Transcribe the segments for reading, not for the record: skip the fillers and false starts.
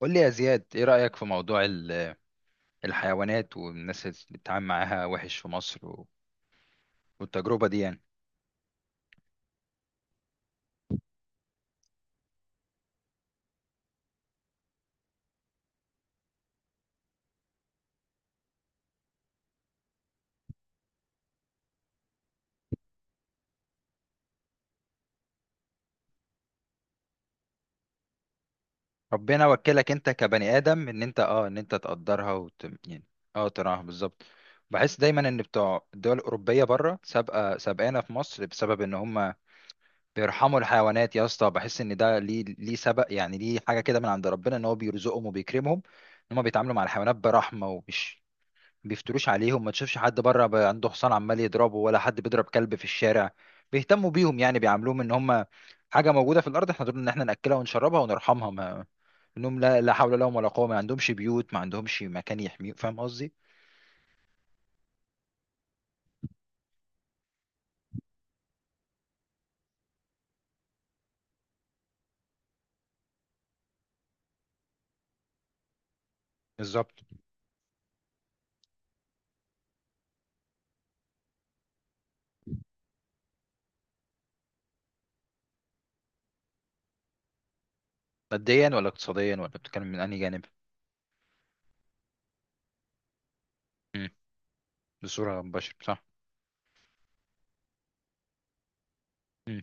قول لي يا زياد، ايه رأيك في موضوع الحيوانات والناس اللي بتتعامل معاها وحش في مصر والتجربة دي؟ يعني ربنا وكلك انت كبني آدم ان انت تقدرها يعني، اه تراها بالظبط. بحس دايما ان بتوع الدول الأوروبية بره سابقة سابقانا في مصر، بسبب ان هم بيرحموا الحيوانات يا اسطى. بحس ان ده ليه سبق، يعني ليه حاجة كده من عند ربنا، ان هو بيرزقهم وبيكرمهم ان هم بيتعاملوا مع الحيوانات برحمة ومش بيفتروش عليهم. ما تشوفش حد بره عنده حصان عمال يضربه، ولا حد بيضرب كلب في الشارع. بيهتموا بيهم، يعني بيعاملوهم ان هم حاجه موجوده في الارض. احنا دول ان احنا ناكلها ونشربها ونرحمها، ما انهم لا لا حول لهم ولا قوه، ما عندهمش بيوت، ما عندهمش مكان يحميهم. فاهم قصدي؟ بالظبط. ماديا ولا اقتصاديا، ولا بتتكلم من انهي جانب؟ امم. بصوره مباشره، صح. امم. ما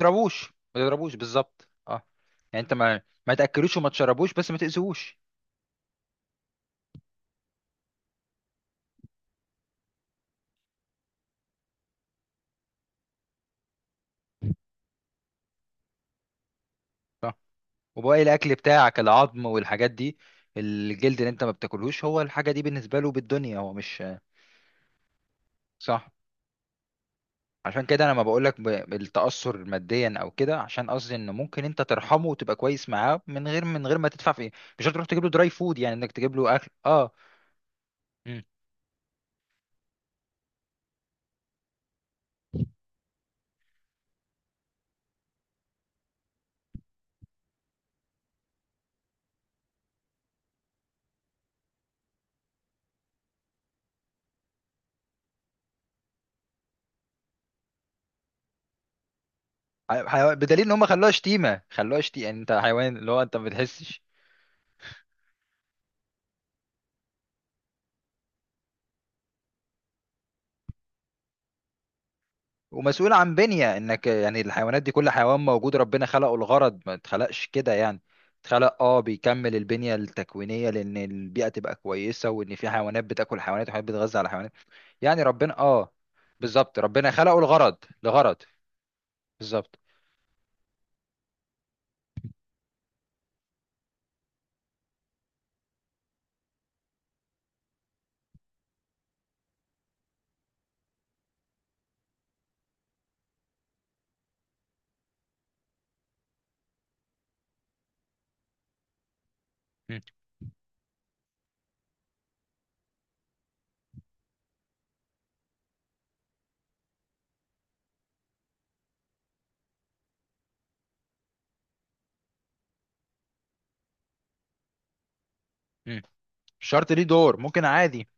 تضربوش، ما تضربوش، بالظبط. اه، يعني انت ما تاكلوش وما تشربوش، بس ما تاذوش. وباقي الاكل بتاعك، العظم والحاجات دي، الجلد اللي انت ما بتاكلهوش، هو الحاجه دي بالنسبه له بالدنيا، هو مش. صح. عشان كده انا ما بقولك بالتاثر ماديا او كده، عشان قصدي ان ممكن انت ترحمه وتبقى كويس معاه من غير ما تدفع فيه. مش هتروح تجيب له دراي فود، يعني انك تجيب له اكل. اه مم. بدليل ان هم خلوها شتيمه، خلوها شتيمه، يعني انت حيوان، اللي هو انت ما بتحسش ومسؤول عن بنية انك، يعني الحيوانات دي، كل حيوان موجود ربنا خلقه، الغرض ما اتخلقش كده يعني. اتخلق، بيكمل البنية التكوينية لان البيئة تبقى كويسة، وان في حيوانات بتاكل حيوانات، وحيوانات بتغذى على حيوانات. يعني ربنا، بالظبط، ربنا خلقه الغرض لغرض. بالظبط. م- م. الشرط ليه دور، ممكن عادي.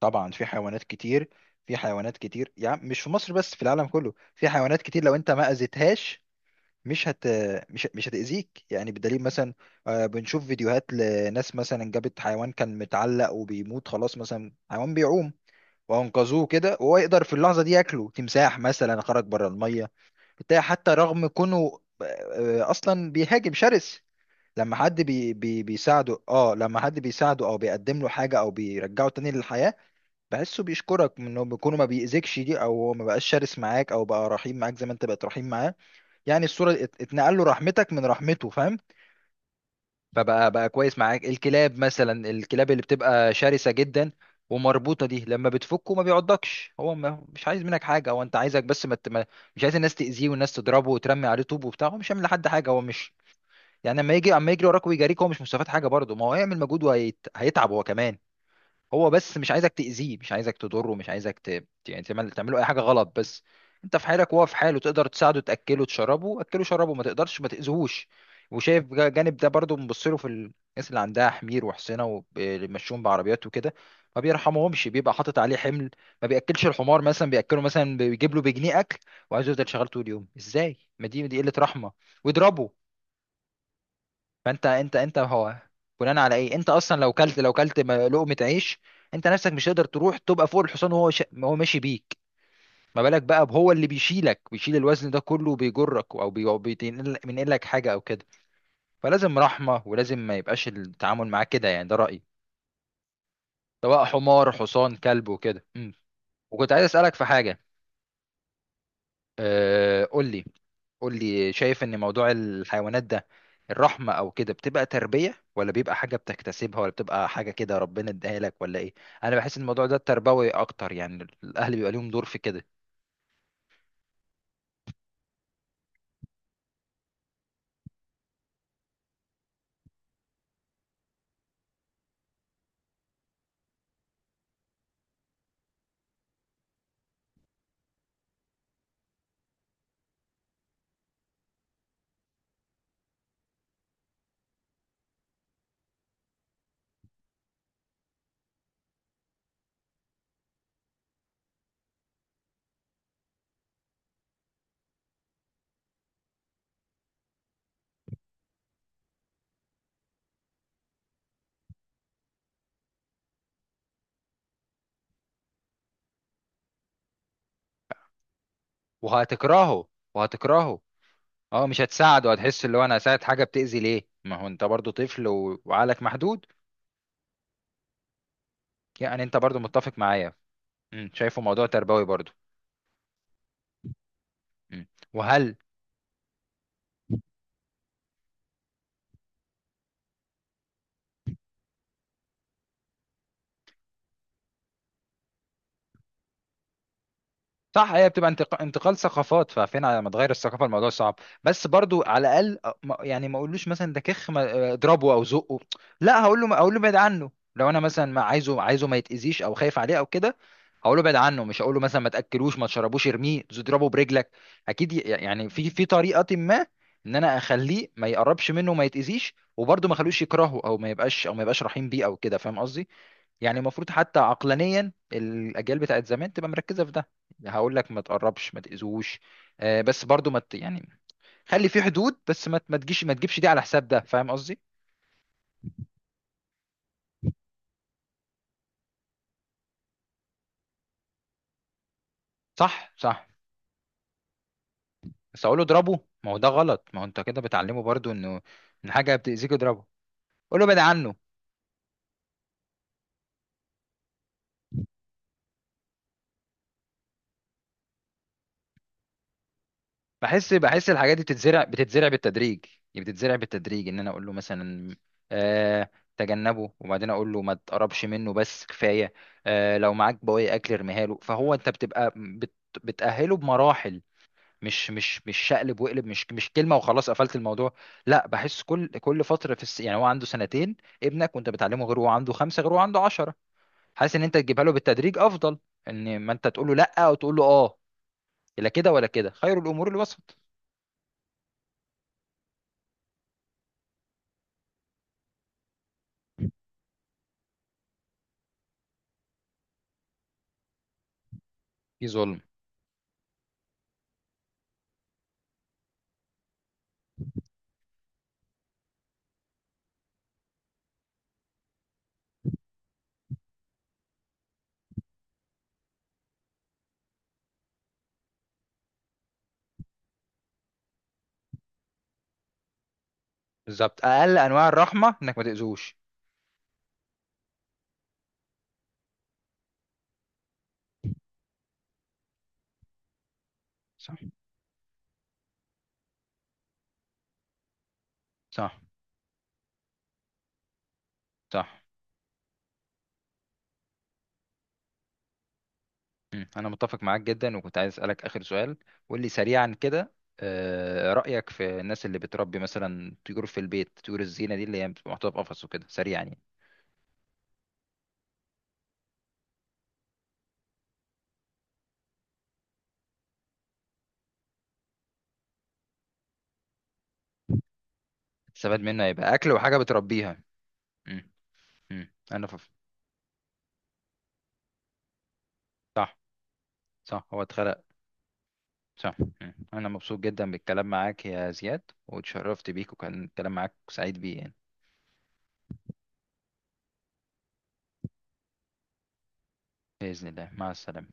طبعا، في حيوانات كتير. في حيوانات كتير، يعني مش في مصر بس، في العالم كله في حيوانات كتير، لو انت ما اذيتهاش مش هت مش مش هتأذيك. يعني بدليل مثلا، بنشوف فيديوهات لناس مثلا جابت حيوان كان متعلق وبيموت خلاص، مثلا حيوان بيعوم وأنقذوه كده، وهو يقدر في اللحظة دي ياكله تمساح مثلا، خرج بره المية بتاع، حتى رغم كونه، أصلا بيهاجم، شرس. لما حد بيساعده، او بيقدم له حاجه، او بيرجعه تاني للحياه، بحسه بيشكرك، من انه بيكونه ما بيأذكش دي، او هو ما بقاش شرس معاك، او بقى رحيم معاك زي ما انت بقيت رحيم معاه. يعني الصورة اتنقل له، رحمتك من رحمته، فاهم؟ فبقى كويس معاك. الكلاب مثلا، الكلاب اللي بتبقى شرسة جدا ومربوطة دي، لما بتفكه ما بيعضكش. هو ما مش عايز منك حاجة، هو انت عايزك بس ما ت- ما- مش عايز الناس تأذيه، والناس تضربه وترمي عليه طوب وبتاع. هو مش هيعمل لحد حاجة، هو مش. يعني لما يجي اما يجري وراك ويجاريك، هو مش مستفاد حاجة برضه. ما هو هيعمل مجهود وهيتعب هو كمان. هو بس مش عايزك تأذيه، مش عايزك تضره، مش عايزك يعني تعمله أي حاجة غلط. بس أنت في حالك وهو في حاله، تقدر تساعده تأكله تشربه، أكله شربه، ما تقدرش، ما تأذيهوش. وشايف جانب ده برضه بنبص له في الناس اللي عندها حمير وحصينة وبيمشون بعربيات وكده، ما بيرحمهمش، بيبقى حاطط عليه حمل. ما بيأكلش الحمار مثلا، بيأكله مثلا، بيجيب له بجنيه أكل، وعايزه يفضل شغال طول اليوم. إزاي؟ ما دي قلة رحمة. ويضربه. فانت انت انت هو، بناء على ايه انت اصلا؟ لو كلت لقمه عيش. انت نفسك مش هتقدر تروح تبقى فوق الحصان وهو وهو ماشي بيك. ما بالك بقى هو اللي بيشيلك، بيشيل الوزن ده كله وبيجرك، او أو بينقل لك حاجه او كده. فلازم رحمه، ولازم ما يبقاش التعامل معاه كده. يعني ده رايي، سواء حمار، حصان، كلب، وكده. أمم. وكنت عايز اسالك في حاجه. أه... قول لي قول لي شايف ان موضوع الحيوانات ده، الرحمة او كده، بتبقى تربية، ولا بيبقى حاجة بتكتسبها، ولا بتبقى حاجة كده ربنا اداها لك، ولا ايه؟ انا بحس ان الموضوع ده تربوي اكتر، يعني الاهل بيبقى ليهم دور في كده. وهتكرهه وهتكرهه. اه، مش هتساعده، هتحس اللي هو انا هساعد حاجة بتأذي ليه. ما هو انت برضو طفل وعقلك محدود. يعني انت برضو متفق معايا؟ شايفه موضوع تربوي برضو. أمم. وهل؟ صح. هي بتبقى انتقال ثقافات، ففين على ما تغير الثقافه، الموضوع صعب. بس برضو على الاقل، يعني ما اقولوش مثلا ده كخ، اضربه او زقه. لا، هقول له ابعد عنه. لو انا مثلا ما عايزه، عايزه ما يتاذيش، او خايف عليه او كده، هقول له ابعد عنه. مش هقول له مثلا ما تاكلوش، ما تشربوش، ارميه، اضربه برجلك. اكيد، يعني في طريقه ما، ان انا اخليه ما يقربش منه وما يتاذيش، وبرضه ما اخلوش يكرهه او ما يبقاش، او ما يبقاش رحيم بيه او كده، فاهم قصدي؟ يعني المفروض حتى عقلانيا، الاجيال بتاعت زمان تبقى مركزه في ده. هقول لك ما تقربش، ما تاذوش. بس برضو ما ت- يعني خلي في حدود. بس ما تجيش ما تجيبش دي على حساب ده، فاهم قصدي؟ صح، صح. بس اقول له اضربه، ما هو ده غلط. ما هو انت كده بتعلمه برضو انه ان حاجه بتاذيك اضربه. قول له ابعد عنه. بحس الحاجات دي بتتزرع بالتدريج. يعني بتتزرع بالتدريج، ان انا اقول له مثلا، آه تجنبه، وبعدين اقول له ما تقربش منه بس، كفايه. لو معاك بواقي اكل ارميها له. فهو انت بتبقى بت بتاهله بمراحل، مش شقلب وقلب، مش كلمه وخلاص قفلت الموضوع. لا، بحس كل فتره، يعني هو عنده 2 سنين ابنك وانت بتعلمه، غير هو عنده 5، غير هو عنده 10. حاسس ان انت تجيبها له بالتدريج افضل، ان ما انت تقول له لا او تقول له اه. لا كده ولا كده، خير الامور الوسط. في ظلم. بالظبط، اقل انواع الرحمه انك ما تاذوش. صح، صح، صح. مم. انا متفق معاك جدا. وكنت عايز اسالك اخر سؤال. قول لي سريعا كده. رايك في الناس اللي بتربي مثلا طيور في البيت، طيور الزينه دي اللي هي بتبقى محطوطه في قفص وكده؟ سريعا يعني. تستفاد منها يبقى اكل وحاجه بتربيها. مم. مم. صح. صح، هو اتخلق. صح. مم. انا مبسوط جدا بالكلام معاك يا زياد، واتشرفت بيك، وكان الكلام معاك سعيد بيه يعني. باذن الله، مع السلامه.